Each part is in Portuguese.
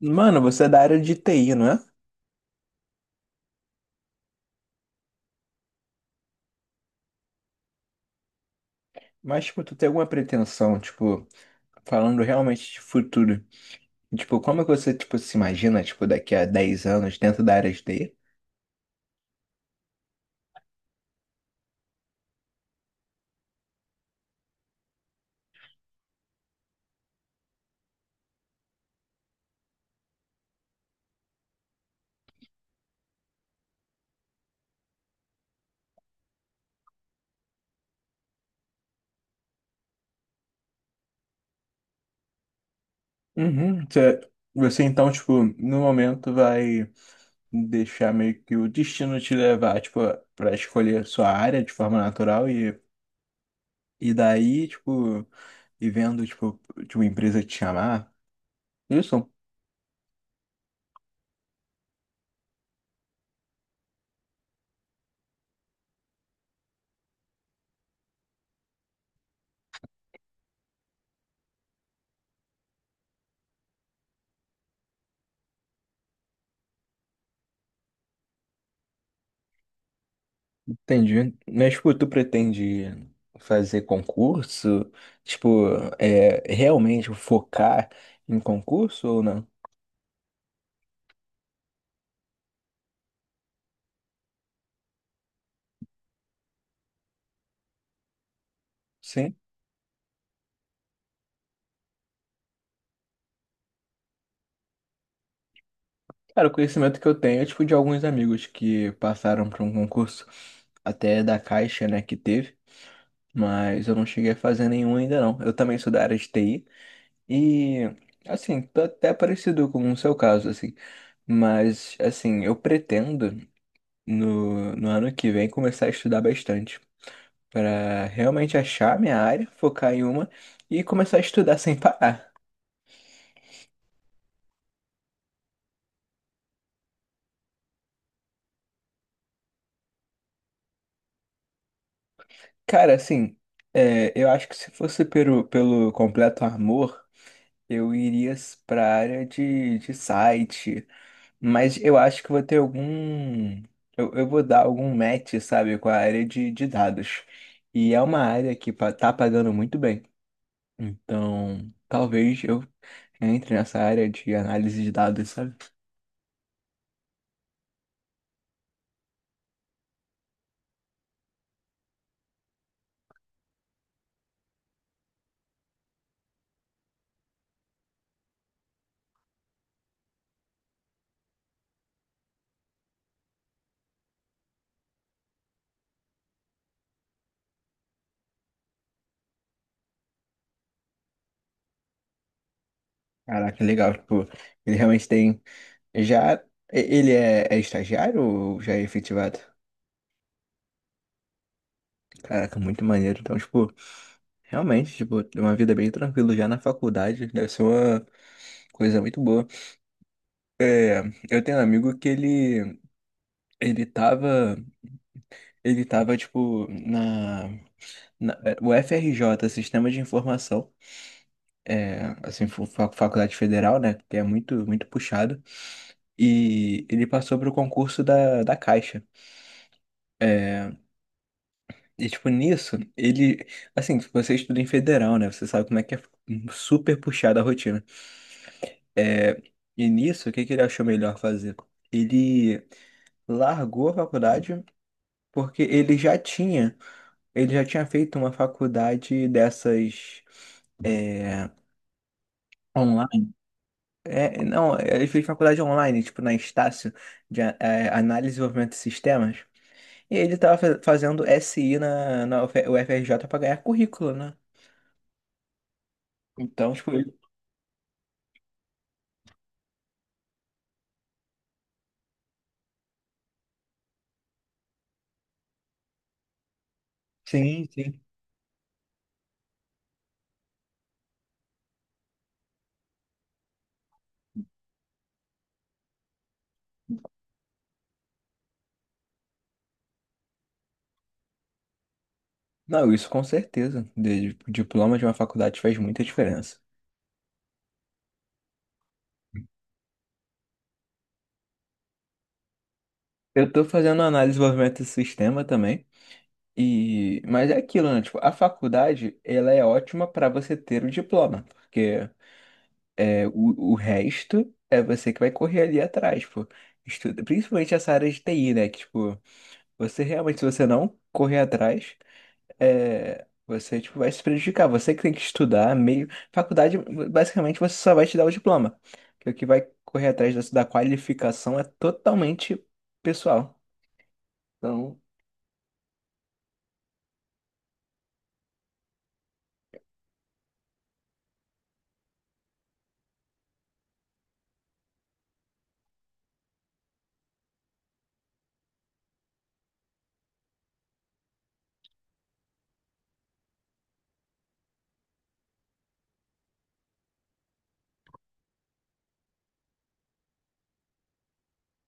Mano, você é da área de TI, não é? Mas, tipo, tu tem alguma pretensão, tipo, falando realmente de futuro? Tipo, como é que você, tipo, se imagina, tipo, daqui a 10 anos dentro da área de TI? Uhum, você então, tipo, no momento vai deixar meio que o destino te levar, tipo, pra escolher sua área de forma natural e daí, tipo, e vendo, tipo, de uma empresa te chamar. Isso? Entendi. Mas, tipo, tu pretende fazer concurso? Tipo, realmente focar em concurso ou não? Sim. Cara, o conhecimento que eu tenho é, tipo, de alguns amigos que passaram por um concurso até da Caixa, né, que teve, mas eu não cheguei a fazer nenhum ainda não. Eu também sou da área de TI e, assim, tô até parecido com o seu caso, assim, mas, assim, eu pretendo no ano que vem começar a estudar bastante, para realmente achar a minha área, focar em uma e começar a estudar sem parar. Cara, assim, eu acho que se fosse pelo completo amor, eu iria para a área de site, mas eu acho que vou ter algum. Eu vou dar algum match, sabe, com a área de dados. E é uma área que tá pagando muito bem. Então, talvez eu entre nessa área de análise de dados, sabe? Caraca, legal. Tipo, ele realmente tem. Já. Ele é estagiário ou já é efetivado? Caraca, muito maneiro. Então, tipo, realmente, tipo, tem uma vida bem tranquila já na faculdade. Deve ser uma coisa muito boa. É, eu tenho um amigo que ele. Ele tava. Ele tava, tipo, na. Na é, o FRJ, Sistema de Informação. É, assim, faculdade federal, né? Que é muito, muito puxado. E ele passou pro concurso da Caixa. É, e, tipo, nisso, ele. Assim, você estuda em federal, né? Você sabe como é que é super puxada a rotina. E nisso, o que que ele achou melhor fazer? Ele largou a faculdade porque ele já tinha. Ele já tinha feito uma faculdade dessas. é, online. É, não, ele fez faculdade online, tipo, na Estácio, de análise e desenvolvimento de sistemas. E ele tava fazendo SI na UFRJ para ganhar currículo, né? Então, tipo. Sim, sim. Não, isso com certeza. Diploma de uma faculdade faz muita diferença. Eu tô fazendo análise de desenvolvimento do sistema também, e mas é aquilo, né? Tipo, a faculdade, ela é ótima para você ter o diploma, porque o resto é você que vai correr ali atrás, pô. Estuda, principalmente essa área de TI, né? Que, tipo, você realmente, se você não correr atrás, você tipo, vai se prejudicar. Você que tem que estudar meio. Faculdade, basicamente, você só vai te dar o diploma. Que o que vai correr atrás da qualificação é totalmente pessoal. Então,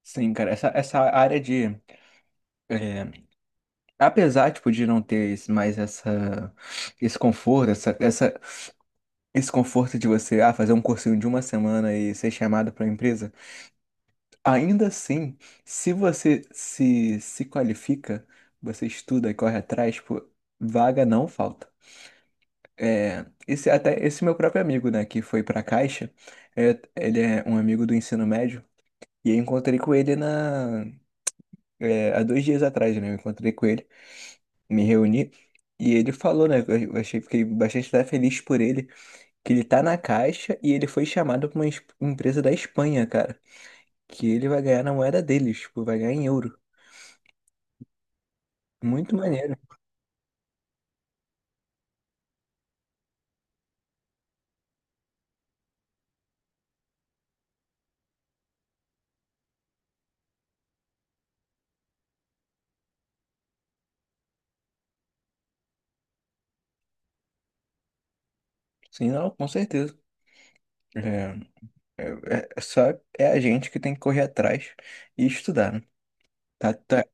sim, cara, essa área de. é, apesar, tipo, de não ter esse conforto, essa, essa, esse conforto de você fazer um cursinho de uma semana e ser chamado para uma empresa. Ainda assim, se você se qualifica, você estuda e corre atrás, pô, vaga não falta. É, esse, até esse meu próprio amigo, né, que foi pra Caixa, ele é um amigo do ensino médio, e eu encontrei com ele há 2 dias atrás, né, eu encontrei com ele, me reuni, e ele falou, né, eu achei, fiquei bastante até feliz por ele, que ele tá na Caixa e ele foi chamado pra uma empresa da Espanha, cara, que ele vai ganhar na moeda deles, tipo, vai ganhar em euro. Muito maneiro. Sim, não, com certeza. É, é, só é a gente que tem que correr atrás e estudar, né? Tá, tá.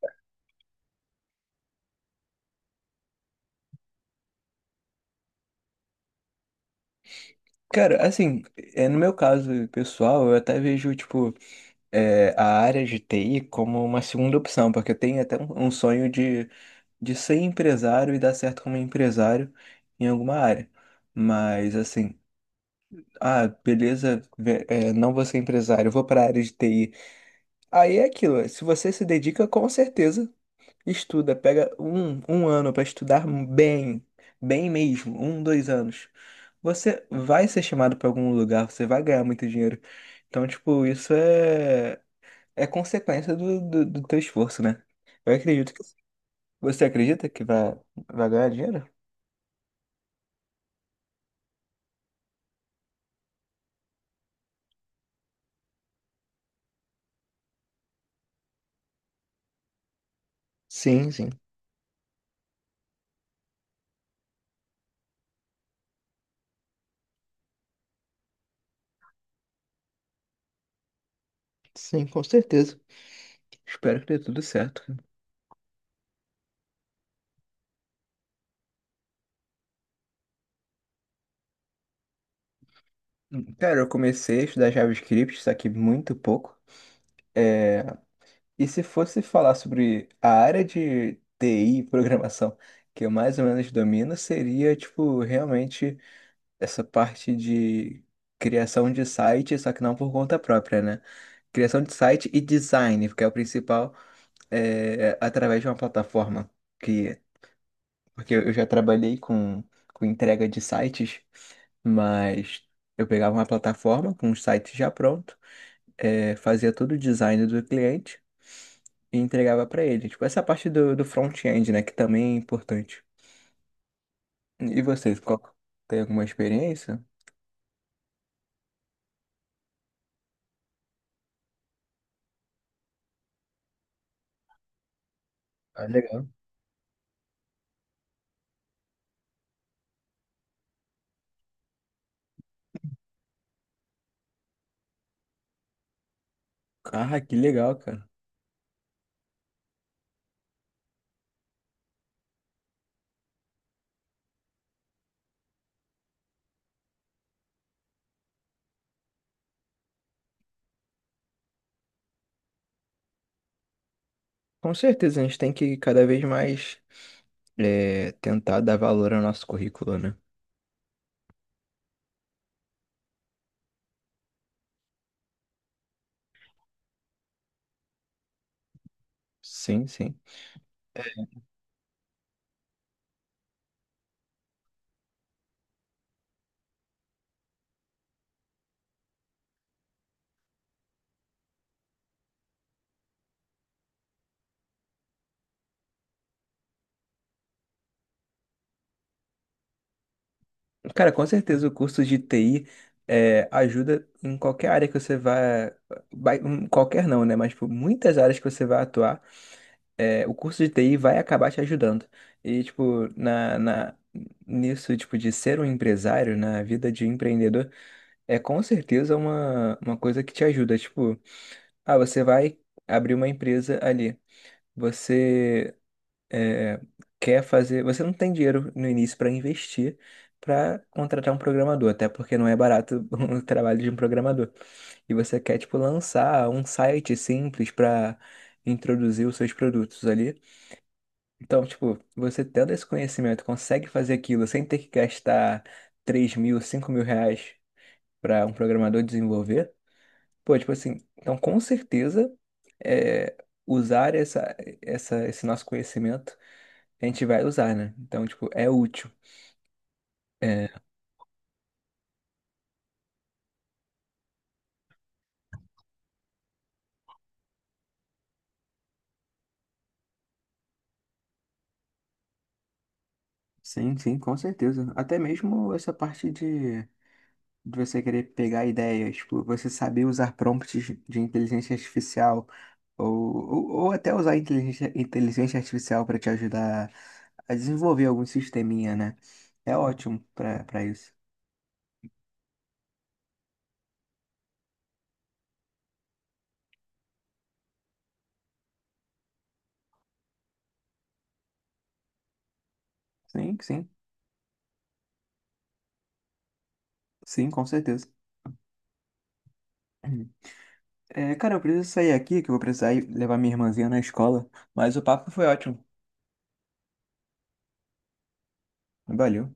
Cara, assim, no meu caso pessoal, eu até vejo, tipo, a área de TI como uma segunda opção, porque eu tenho até um sonho de ser empresário e dar certo como empresário em alguma área. Mas, assim, ah, beleza, não vou ser empresário, eu vou para a área de TI. Aí é aquilo, se você se dedica, com certeza. Estuda, pega um ano para estudar bem, bem mesmo, um, 2 anos. Você vai ser chamado para algum lugar, você vai ganhar muito dinheiro. Então, tipo, isso é consequência do teu esforço, né? Eu acredito que. Você acredita que vai ganhar dinheiro? Sim, sim. Sim, com certeza. Espero que dê tudo certo. Cara, eu comecei a estudar JavaScript, só que muito pouco. É, E se fosse falar sobre a área de TI, e programação, que eu mais ou menos domino, seria, tipo, realmente essa parte de criação de site, só que não por conta própria, né? Criação de site e design, porque é o principal, através de uma plataforma que... Porque eu já trabalhei com entrega de sites, mas eu pegava uma plataforma com um site já pronto, fazia todo o design do cliente e entregava para ele. Tipo, essa parte do front-end, né, que também é importante. E vocês, qual, tem alguma experiência? Ah, legal. Ah, que legal, cara. Com certeza, a gente tem que cada vez mais tentar dar valor ao nosso currículo, né? Sim, sim. Cara, com certeza o curso de TI ajuda em qualquer área que você vá, em qualquer não, né? Mas por muitas áreas que você vai atuar, o curso de TI vai acabar te ajudando. E, tipo, nisso, tipo, de ser um empresário, na vida de empreendedor, é com certeza uma coisa que te ajuda. Tipo, ah, você vai abrir uma empresa ali. Você é, quer fazer. Você não tem dinheiro no início para investir. Para contratar um programador, até porque não é barato o trabalho de um programador. E você quer, tipo, lançar um site simples para introduzir os seus produtos ali. Então, tipo, você tendo esse conhecimento, consegue fazer aquilo sem ter que gastar 3.000, R$ 5.000 para um programador desenvolver? Pô, tipo assim, então com certeza é, usar esse nosso conhecimento a gente vai usar, né? Então, tipo, é útil. É, sim, sim, com certeza. Até mesmo essa parte de você querer pegar ideias, tipo, você saber usar prompts de inteligência artificial ou, ou até usar inteligência artificial para te ajudar a desenvolver algum sisteminha, né? É ótimo para isso. Sim, sim, sim, com certeza. É, cara, eu preciso sair aqui, que eu vou precisar ir levar minha irmãzinha na escola, mas o papo foi ótimo. Valeu.